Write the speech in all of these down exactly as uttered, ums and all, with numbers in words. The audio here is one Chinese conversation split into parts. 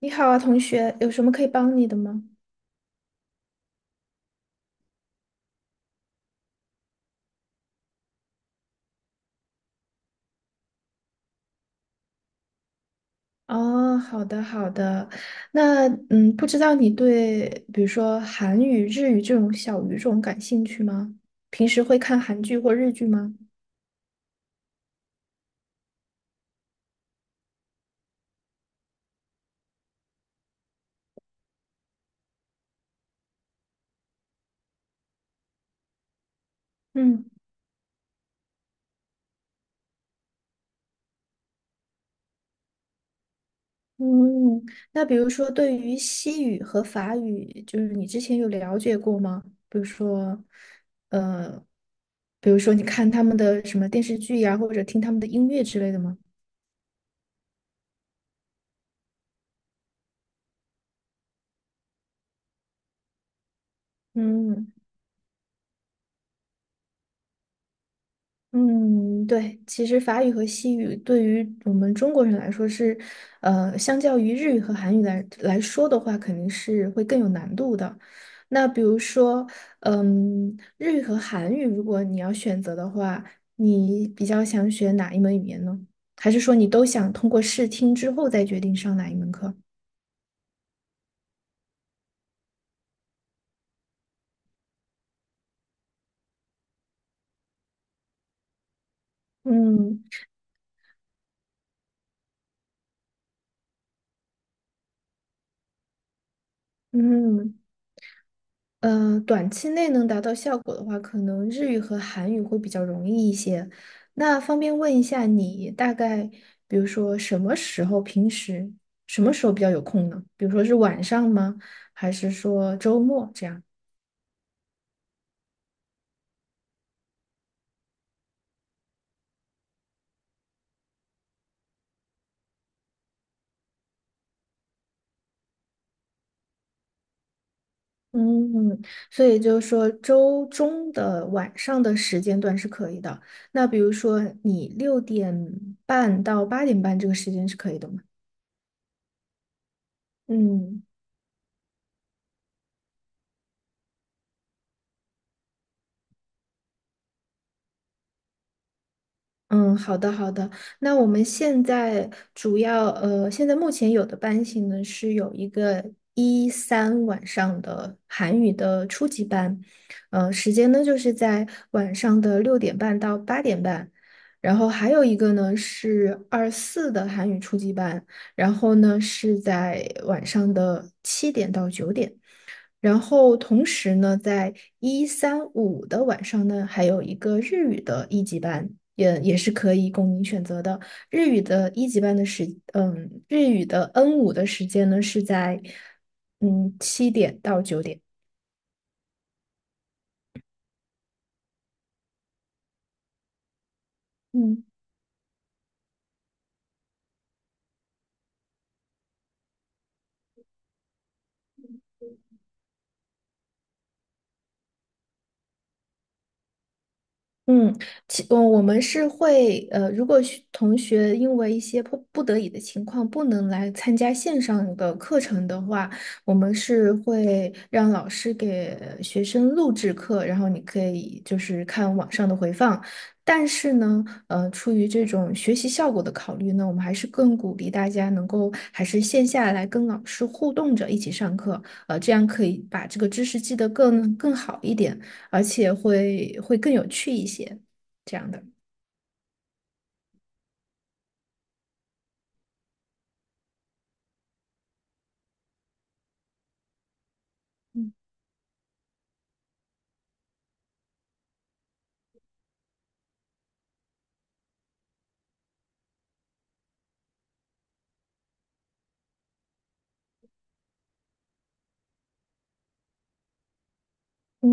你好啊，同学，有什么可以帮你的吗？哦，好的，好的。那嗯，不知道你对比如说韩语、日语这种小语种感兴趣吗？平时会看韩剧或日剧吗？嗯嗯，那比如说对于西语和法语，就是你之前有了解过吗？比如说，呃，比如说你看他们的什么电视剧呀、或者听他们的音乐之类的吗？嗯。嗯，对，其实法语和西语对于我们中国人来说是，呃，相较于日语和韩语来来说的话，肯定是会更有难度的。那比如说，嗯，日语和韩语，如果你要选择的话，你比较想学哪一门语言呢？还是说你都想通过试听之后再决定上哪一门课？嗯嗯。嗯，呃短期内能达到效果的话，可能日语和韩语会比较容易一些。那方便问一下你大概，比如说什么时候，平时什么时候比较有空呢？比如说是晚上吗？还是说周末这样？嗯，所以就是说周中的晚上的时间段是可以的。那比如说你六点半到八点半这个时间是可以的吗？嗯。嗯，好的好的。那我们现在主要呃，现在目前有的班型呢是有一个一三晚上的韩语的初级班，呃，时间呢就是在晚上的六点半到八点半，然后还有一个呢是二四的韩语初级班，然后呢是在晚上的七点到九点。然后同时呢，在一三五的晚上呢，还有一个日语的一级班，也也是可以供您选择的。日语的一级班的时，嗯，日语的 N 五的时间呢是在嗯七点到九点。嗯。嗯，其嗯，我们是会呃，如果学同学因为一些迫不得已的情况不能来参加线上的课程的话，我们是会让老师给学生录制课，然后你可以就是看网上的回放。但是呢，呃，出于这种学习效果的考虑呢，我们还是更鼓励大家能够还是线下来跟老师互动着一起上课，呃，这样可以把这个知识记得更更好一点。而且会会更有趣一些，这样的。嗯嗯，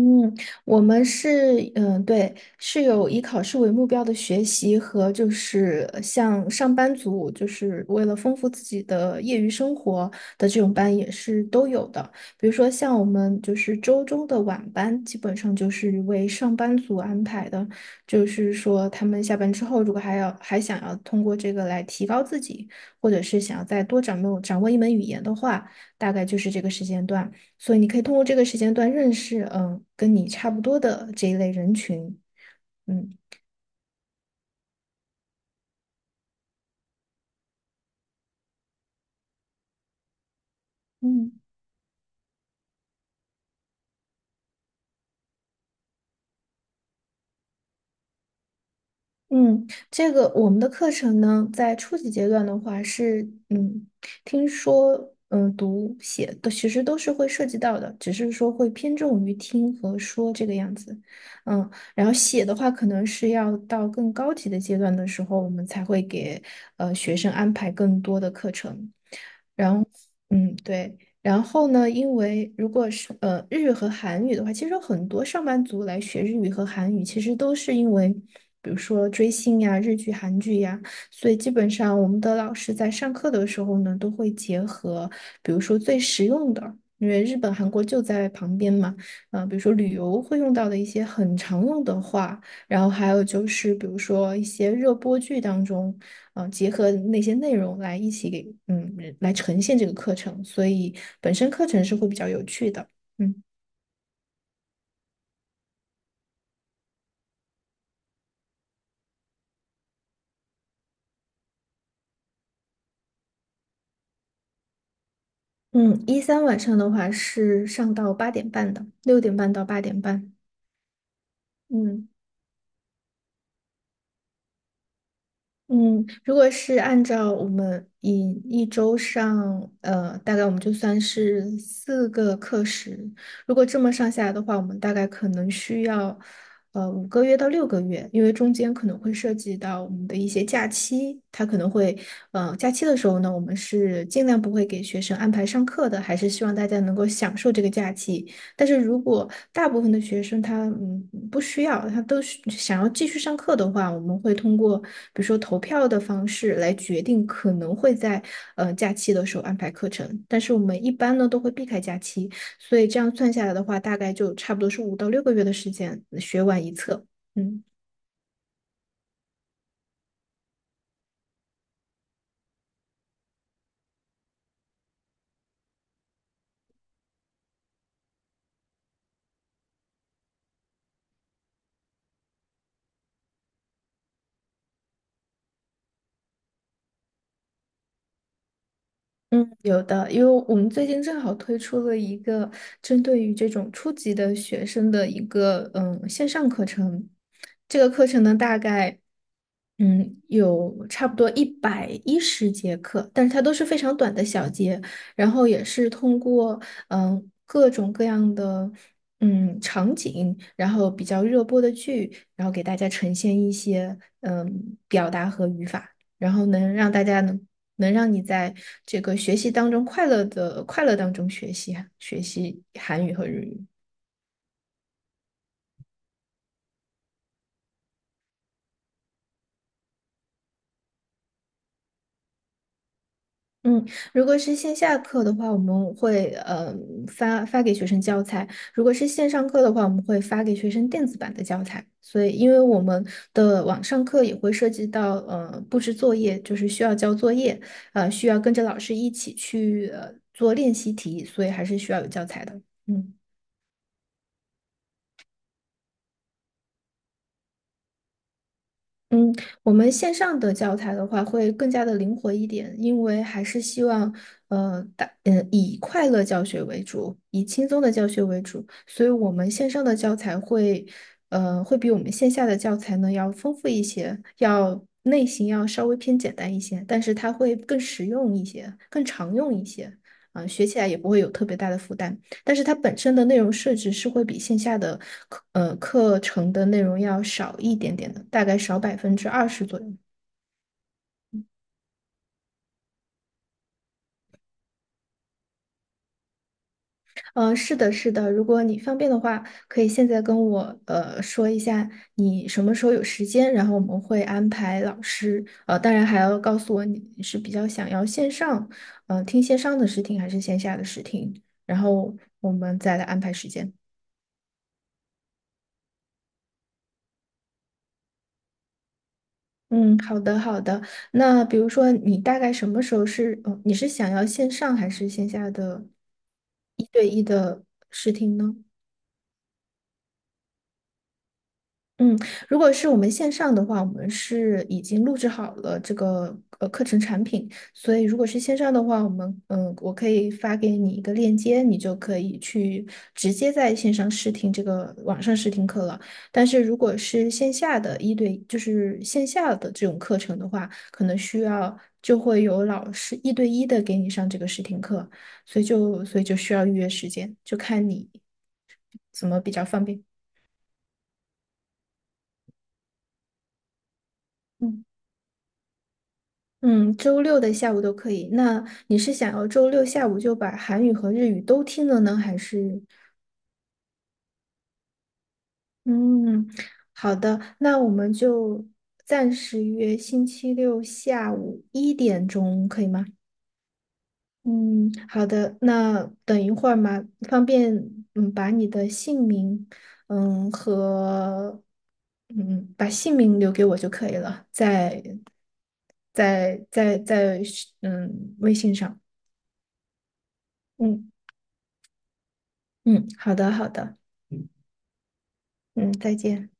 我们是嗯，对，是有以考试为目标的学习和就是呃像上班族，就是为了丰富自己的业余生活的这种班也是都有的。比如说像我们就是周中的晚班，基本上就是为上班族安排的，就是说他们下班之后，如果还要还想要通过这个来提高自己，或者是想要再多掌握掌握一门语言的话，大概就是这个时间段。所以你可以通过这个时间段认识，嗯，跟你差不多的这一类人群，嗯嗯嗯，这个我们的课程呢，在初级阶段的话是，嗯，听说，嗯，读写的其实都是会涉及到的，只是说会偏重于听和说这个样子，嗯，然后写的话，可能是要到更高级的阶段的时候，我们才会给呃学生安排更多的课程。嗯，对。然后呢，因为如果是呃日语和韩语的话，其实有很多上班族来学日语和韩语，其实都是因为，比如说追星呀、日剧、韩剧呀，所以基本上我们的老师在上课的时候呢，都会结合，比如说最实用的，因为日本、韩国就在旁边嘛，啊、比如说旅游会用到的一些很常用的话。然后还有就是，比如说一些热播剧当中，嗯、结合那些内容来一起给，嗯，来呈现这个课程，所以本身课程是会比较有趣的。嗯嗯，一三晚上的话是上到八点半的，六点半到八点半。嗯。嗯，如果是按照我们以一周上，呃，大概我们就算是四个课时，如果这么上下来的话，我们大概可能需要，呃，五个月到六个月，因为中间可能会涉及到我们的一些假期，它可能会，呃，假期的时候呢，我们是尽量不会给学生安排上课的，还是希望大家能够享受这个假期，但是如果大部分的学生他嗯不需要，他都是想要继续上课的话，我们会通过比如说投票的方式来决定可能会在呃假期的时候安排课程。但是我们一般呢都会避开假期，所以这样算下来的话，大概就差不多是五到六个月的时间学完一册。嗯。嗯，有的，因为我们最近正好推出了一个针对于这种初级的学生的一个嗯线上课程。这个课程呢，大概嗯有差不多一百一十节课，但是它都是非常短的小节，然后也是通过嗯各种各样的嗯场景，然后比较热播的剧，然后给大家呈现一些嗯表达和语法。然后能让大家能能让你在这个学习当中快乐的快乐当中学习学习韩语和日语。嗯，如果是线下课的话，我们会呃发发给学生教材；如果是线上课的话，我们会发给学生电子版的教材。所以，因为我们的网上课也会涉及到呃布置作业，就是需要交作业，呃需要跟着老师一起去呃做练习题，所以还是需要有教材的。嗯。嗯，我们线上的教材的话会更加的灵活一点，因为还是希望，呃，大，嗯，以快乐教学为主，以轻松的教学为主，所以我们线上的教材会，呃，会比我们线下的教材呢要丰富一些，要类型要稍微偏简单一些，但是它会更实用一些，更常用一些，啊，学起来也不会有特别大的负担。但是它本身的内容设置是会比线下的课呃课程的内容要少一点点的，大概少百分之二十左右。呃，是的，是的，如果你方便的话，可以现在跟我呃说一下你什么时候有时间，然后我们会安排老师。呃，当然还要告诉我你是比较想要线上，呃，听线上的试听还是线下的试听，然后我们再来安排时间。嗯，好的好的。那比如说，你大概什么时候是，呃，你是想要线上还是线下的一对一的试听呢？嗯，如果是我们线上的话，我们是已经录制好了这个呃课程产品，所以如果是线上的话，我们嗯，我可以发给你一个链接，你就可以去直接在线上试听这个网上试听课了。但是如果是线下的一对，就是线下的这种课程的话，可能需要就会有老师一对一的给你上这个试听课，所以就所以就需要预约时间，就看你怎么比较方便。嗯嗯，周六的下午都可以。那你是想要周六下午就把韩语和日语都听了呢，还是？嗯，好的，那我们就暂时约星期六下午一点钟，可以吗？嗯，好的。那等一会儿嘛，方便嗯把你的姓名嗯和嗯把姓名留给我就可以了，在在在在嗯微信上。嗯。嗯，好的，好的，嗯，再见。